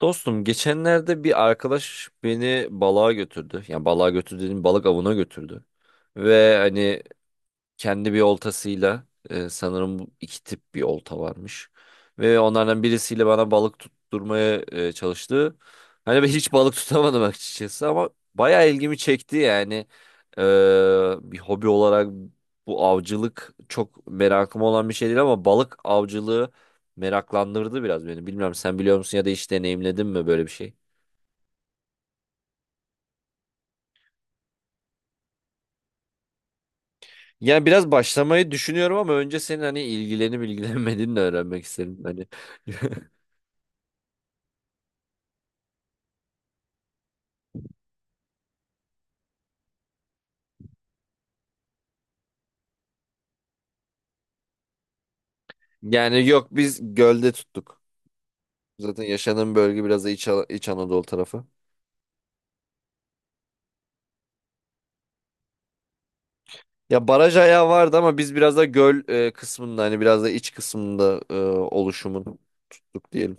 Dostum geçenlerde bir arkadaş beni balığa götürdü. Yani balığa götürdü dediğim balık avına götürdü. Ve hani kendi bir oltasıyla sanırım bu iki tip bir olta varmış. Ve onlardan birisiyle bana balık tutturmaya çalıştı. Hani ben hiç balık tutamadım açıkçası ama bayağı ilgimi çekti yani. E, Bir hobi olarak bu avcılık çok merakım olan bir şey değil ama balık avcılığı meraklandırdı biraz beni. Bilmem sen biliyor musun ya da hiç deneyimledin mi böyle bir şey? Yani biraz başlamayı düşünüyorum ama önce senin hani ilgilenip ilgilenmediğini de öğrenmek isterim. Hani Yani yok, biz gölde tuttuk. Zaten yaşadığım bölge biraz da İç Anadolu tarafı. Ya baraj ayağı vardı ama biz biraz da göl kısmında, hani biraz da iç kısmında oluşumun tuttuk diyelim.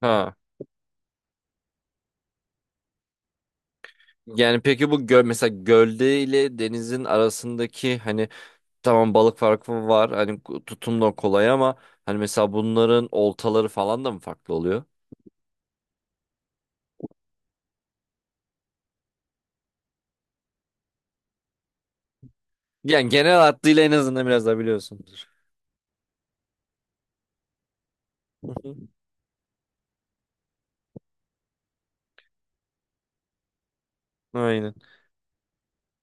Ha. Yani peki bu göl mesela, gölde ile denizin arasındaki hani tamam balık farkı var, hani tutum da kolay ama hani mesela bunların oltaları falan da mı farklı oluyor? Yani genel hattıyla en azından biraz daha biliyorsundur. Hı hı. Aynen.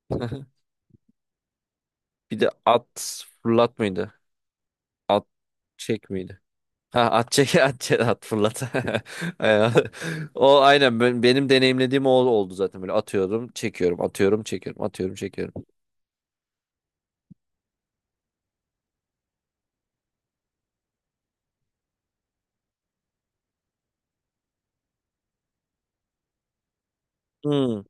Bir de at fırlat mıydı? At çek miydi? Ha, at çek at çek, at fırlat. Aynen. O aynen benim deneyimlediğim o oldu zaten. Böyle atıyorum, çekiyorum, atıyorum, çekiyorum, atıyorum, çekiyorum. Hmm.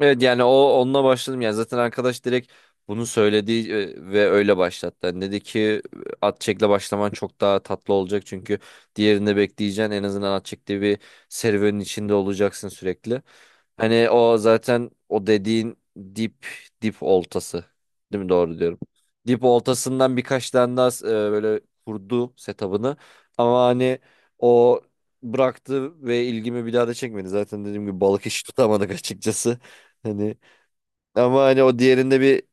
Evet yani onunla başladım yani. Zaten arkadaş direkt bunu söyledi ve öyle başlattı. Yani dedi ki at çekle başlaman çok daha tatlı olacak, çünkü diğerinde bekleyeceksin, en azından at çektiği bir serüvenin içinde olacaksın sürekli. Hani o zaten, o dediğin dip dip oltası, değil mi, doğru diyorum. Dip oltasından birkaç tane daha böyle kurdu setup'ını, ama hani o bıraktı ve ilgimi bir daha da çekmedi. Zaten dediğim gibi balık hiç tutamadık açıkçası. Hani ama hani o diğerinde bir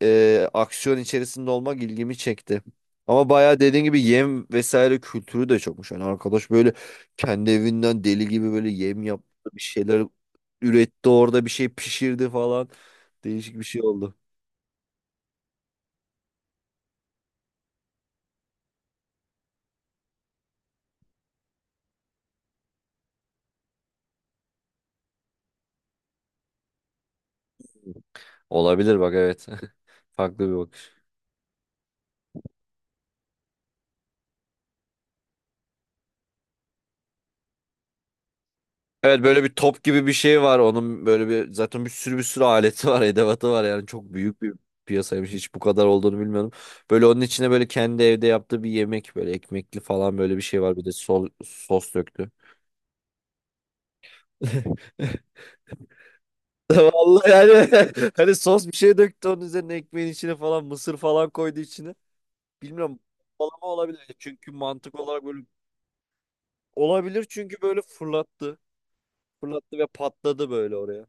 aksiyon içerisinde olmak ilgimi çekti. Ama bayağı dediğin gibi yem vesaire kültürü de çokmuş. Hani arkadaş böyle kendi evinden deli gibi böyle yem yaptı, bir şeyler üretti orada, bir şey pişirdi falan. Değişik bir şey oldu. Olabilir bak, evet. Farklı bir bakış. Evet, böyle bir top gibi bir şey var onun, böyle bir, zaten bir sürü aleti var, edevatı var yani, çok büyük bir piyasaymış, hiç bu kadar olduğunu bilmiyordum. Böyle onun içine böyle kendi evde yaptığı bir yemek, böyle ekmekli falan, böyle bir şey var, bir de sos döktü. Vallahi yani hani sos bir şey döktü onun üzerine, ekmeğin içine falan, mısır falan koydu içine. Bilmiyorum, balama olabilir yani, çünkü mantık olarak böyle olabilir, çünkü böyle fırlattı. Fırlattı ve patladı böyle oraya.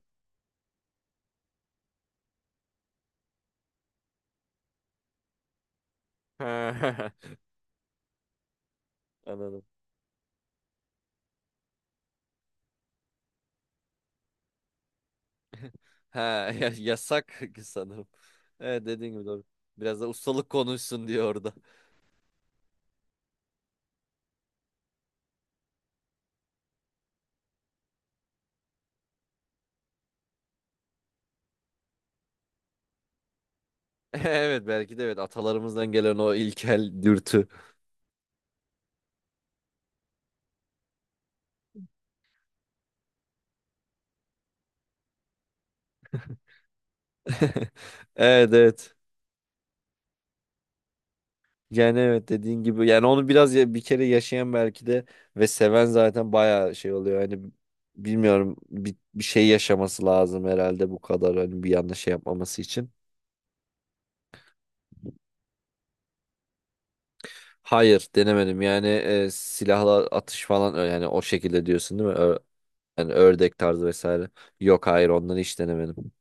Anladım. Ha, yasak sanırım. Evet, dediğin gibi, doğru. Biraz da ustalık konuşsun diyor orada. Evet, belki de, evet, atalarımızdan gelen o ilkel dürtü. Evet, evet. Yani evet, dediğin gibi yani, onu biraz ya, bir kere yaşayan belki de ve seven zaten bayağı şey oluyor. Hani bilmiyorum, bir şey yaşaması lazım herhalde bu kadar, hani bir yanlış şey yapmaması için. Hayır, denemedim yani, silahla atış falan, yani o şekilde diyorsun, değil mi? Yani ördek tarzı vesaire. Yok, hayır, ondan hiç denemedim.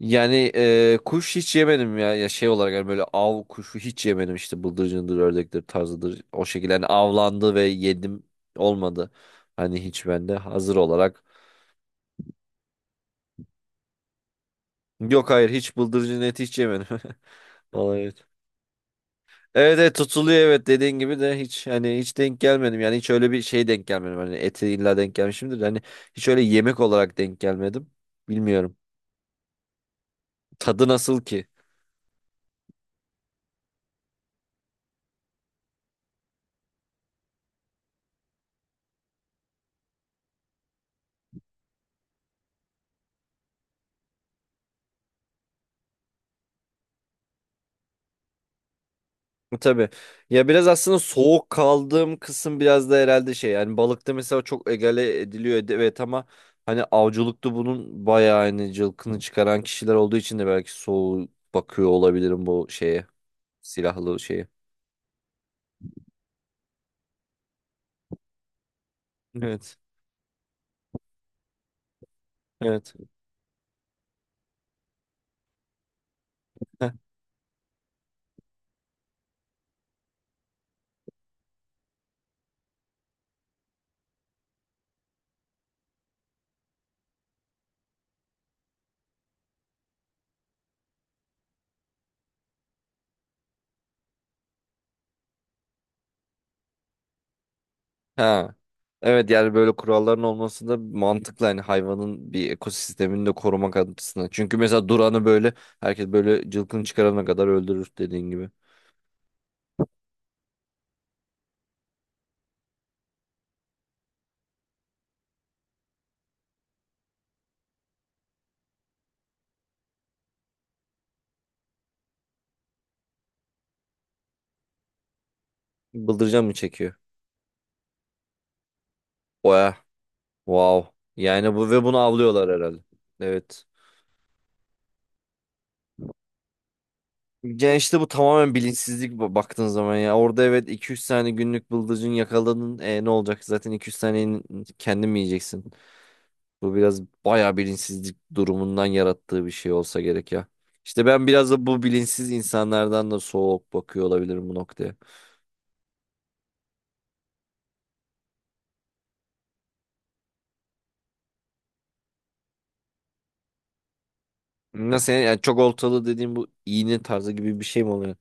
Yani kuş hiç yemedim ya. Ya şey olarak yani, böyle av kuşu hiç yemedim işte, bıldırcındır, ördektir, tarzıdır. O şekilde yani avlandı ve yedim, olmadı. Hani hiç bende hazır olarak. Yok, hayır, hiç bıldırcın eti hiç yemedim. Vallahi evet. Evet, evet, tutuluyor, evet, dediğin gibi de hiç, hani hiç denk gelmedim. Yani hiç öyle bir şey denk gelmedim. Hani eti illa denk gelmişimdir. Hani hiç öyle yemek olarak denk gelmedim. Bilmiyorum. Tadı nasıl ki? Tabii. Ya biraz aslında soğuk kaldığım kısım biraz da herhalde şey yani, balıkta mesela çok egale ediliyor evet, ama hani avcılıkta bunun bayağı hani cılkını çıkaran kişiler olduğu için de belki soğuk bakıyor olabilirim bu şeye, silahlı şeye. Evet. Evet. Heh. Ha. Evet yani böyle kuralların olması da mantıklı, hani hayvanın bir ekosistemini de korumak açısından. Çünkü mesela duranı böyle, herkes böyle cılkını çıkarana kadar öldürür dediğin gibi. Bıldırcın mı çekiyor? Oya. Wow. Yani bu, ve bunu avlıyorlar herhalde. Evet. Yani işte bu tamamen bilinçsizlik baktığın zaman ya. Orada evet iki üç tane günlük bıldırcın yakaladın. Ne olacak? Zaten iki üç taneyi kendin mi yiyeceksin? Bu biraz bayağı bilinçsizlik durumundan yarattığı bir şey olsa gerek ya. İşte ben biraz da bu bilinçsiz insanlardan da soğuk bakıyor olabilirim bu noktaya. Nasıl yani, çok oltalı dediğim bu iğne tarzı gibi bir şey mi oluyor?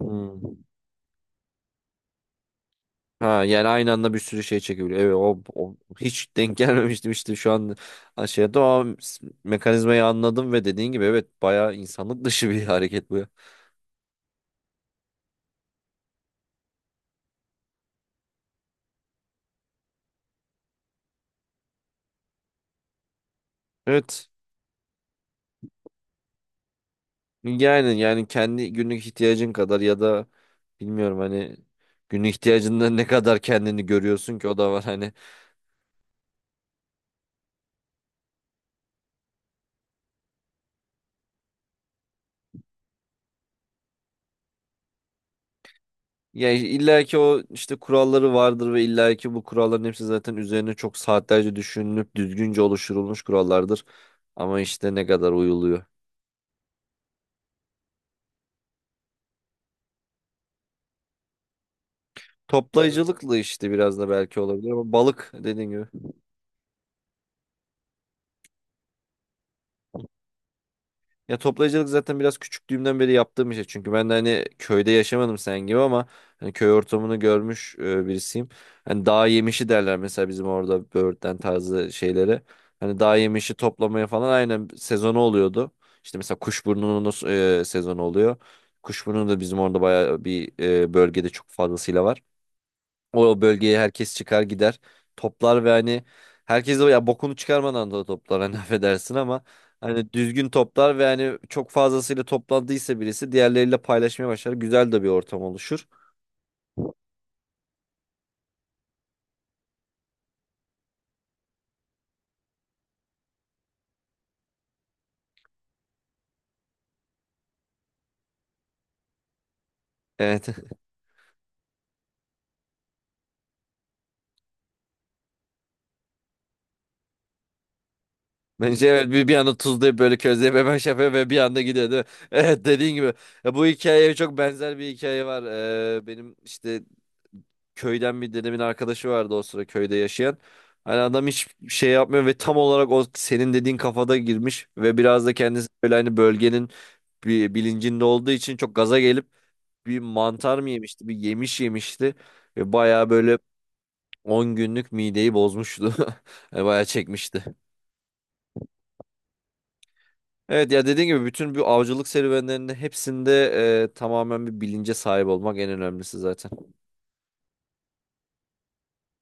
Hmm. Ha, yani aynı anda bir sürü şey çekebiliyor. Evet, hiç denk gelmemiştim, işte şu an şey, o mekanizmayı anladım ve dediğin gibi evet, bayağı insanlık dışı bir hareket bu, ya. Evet yani, kendi günlük ihtiyacın kadar ya da bilmiyorum, hani günlük ihtiyacından ne kadar kendini görüyorsun ki, o da var hani. Yani illa ki o işte kuralları vardır ve illa ki bu kuralların hepsi zaten üzerine çok saatlerce düşünülüp düzgünce oluşturulmuş kurallardır. Ama işte, ne kadar uyuluyor. Toplayıcılıkla işte biraz da belki olabilir ama balık dediğin gibi. Ya toplayıcılık zaten biraz küçüklüğümden beri yaptığım bir şey. Çünkü ben de hani köyde yaşamadım sen gibi ama hani köy ortamını görmüş birisiyim. Hani dağ yemişi derler mesela bizim orada böğürtlen tarzı şeylere. Hani dağ yemişi toplamaya falan, aynen, sezonu oluyordu. İşte mesela kuşburnunun sezonu oluyor. Kuşburnu da bizim orada bayağı bir bölgede çok fazlasıyla var. O bölgeye herkes çıkar gider. Toplar ve hani, herkes de ya bokunu çıkarmadan da toplar hani affedersin ama hani düzgün toplar ve hani çok fazlasıyla toplandıysa birisi diğerleriyle paylaşmaya başlar. Güzel de bir ortam oluşur. Evet. Bence evet, bir anda tuzlayıp böyle közleyip hemen şey yapıyor ve bir anda gidiyor, değil mi? Evet, dediğin gibi. Ya, bu hikayeye çok benzer bir hikaye var. Benim işte köyden bir dedemin arkadaşı vardı o sıra köyde yaşayan. Hani adam hiç şey yapmıyor ve tam olarak o senin dediğin kafada girmiş ve biraz da kendisi böyle hani bölgenin bir bilincinde olduğu için çok gaza gelip bir mantar mı yemişti, bir yemiş yemişti ve bayağı böyle 10 günlük mideyi bozmuştu. Yani bayağı çekmişti. Evet ya, dediğin gibi, bütün bu avcılık serüvenlerinde hepsinde tamamen bir bilince sahip olmak en önemlisi zaten.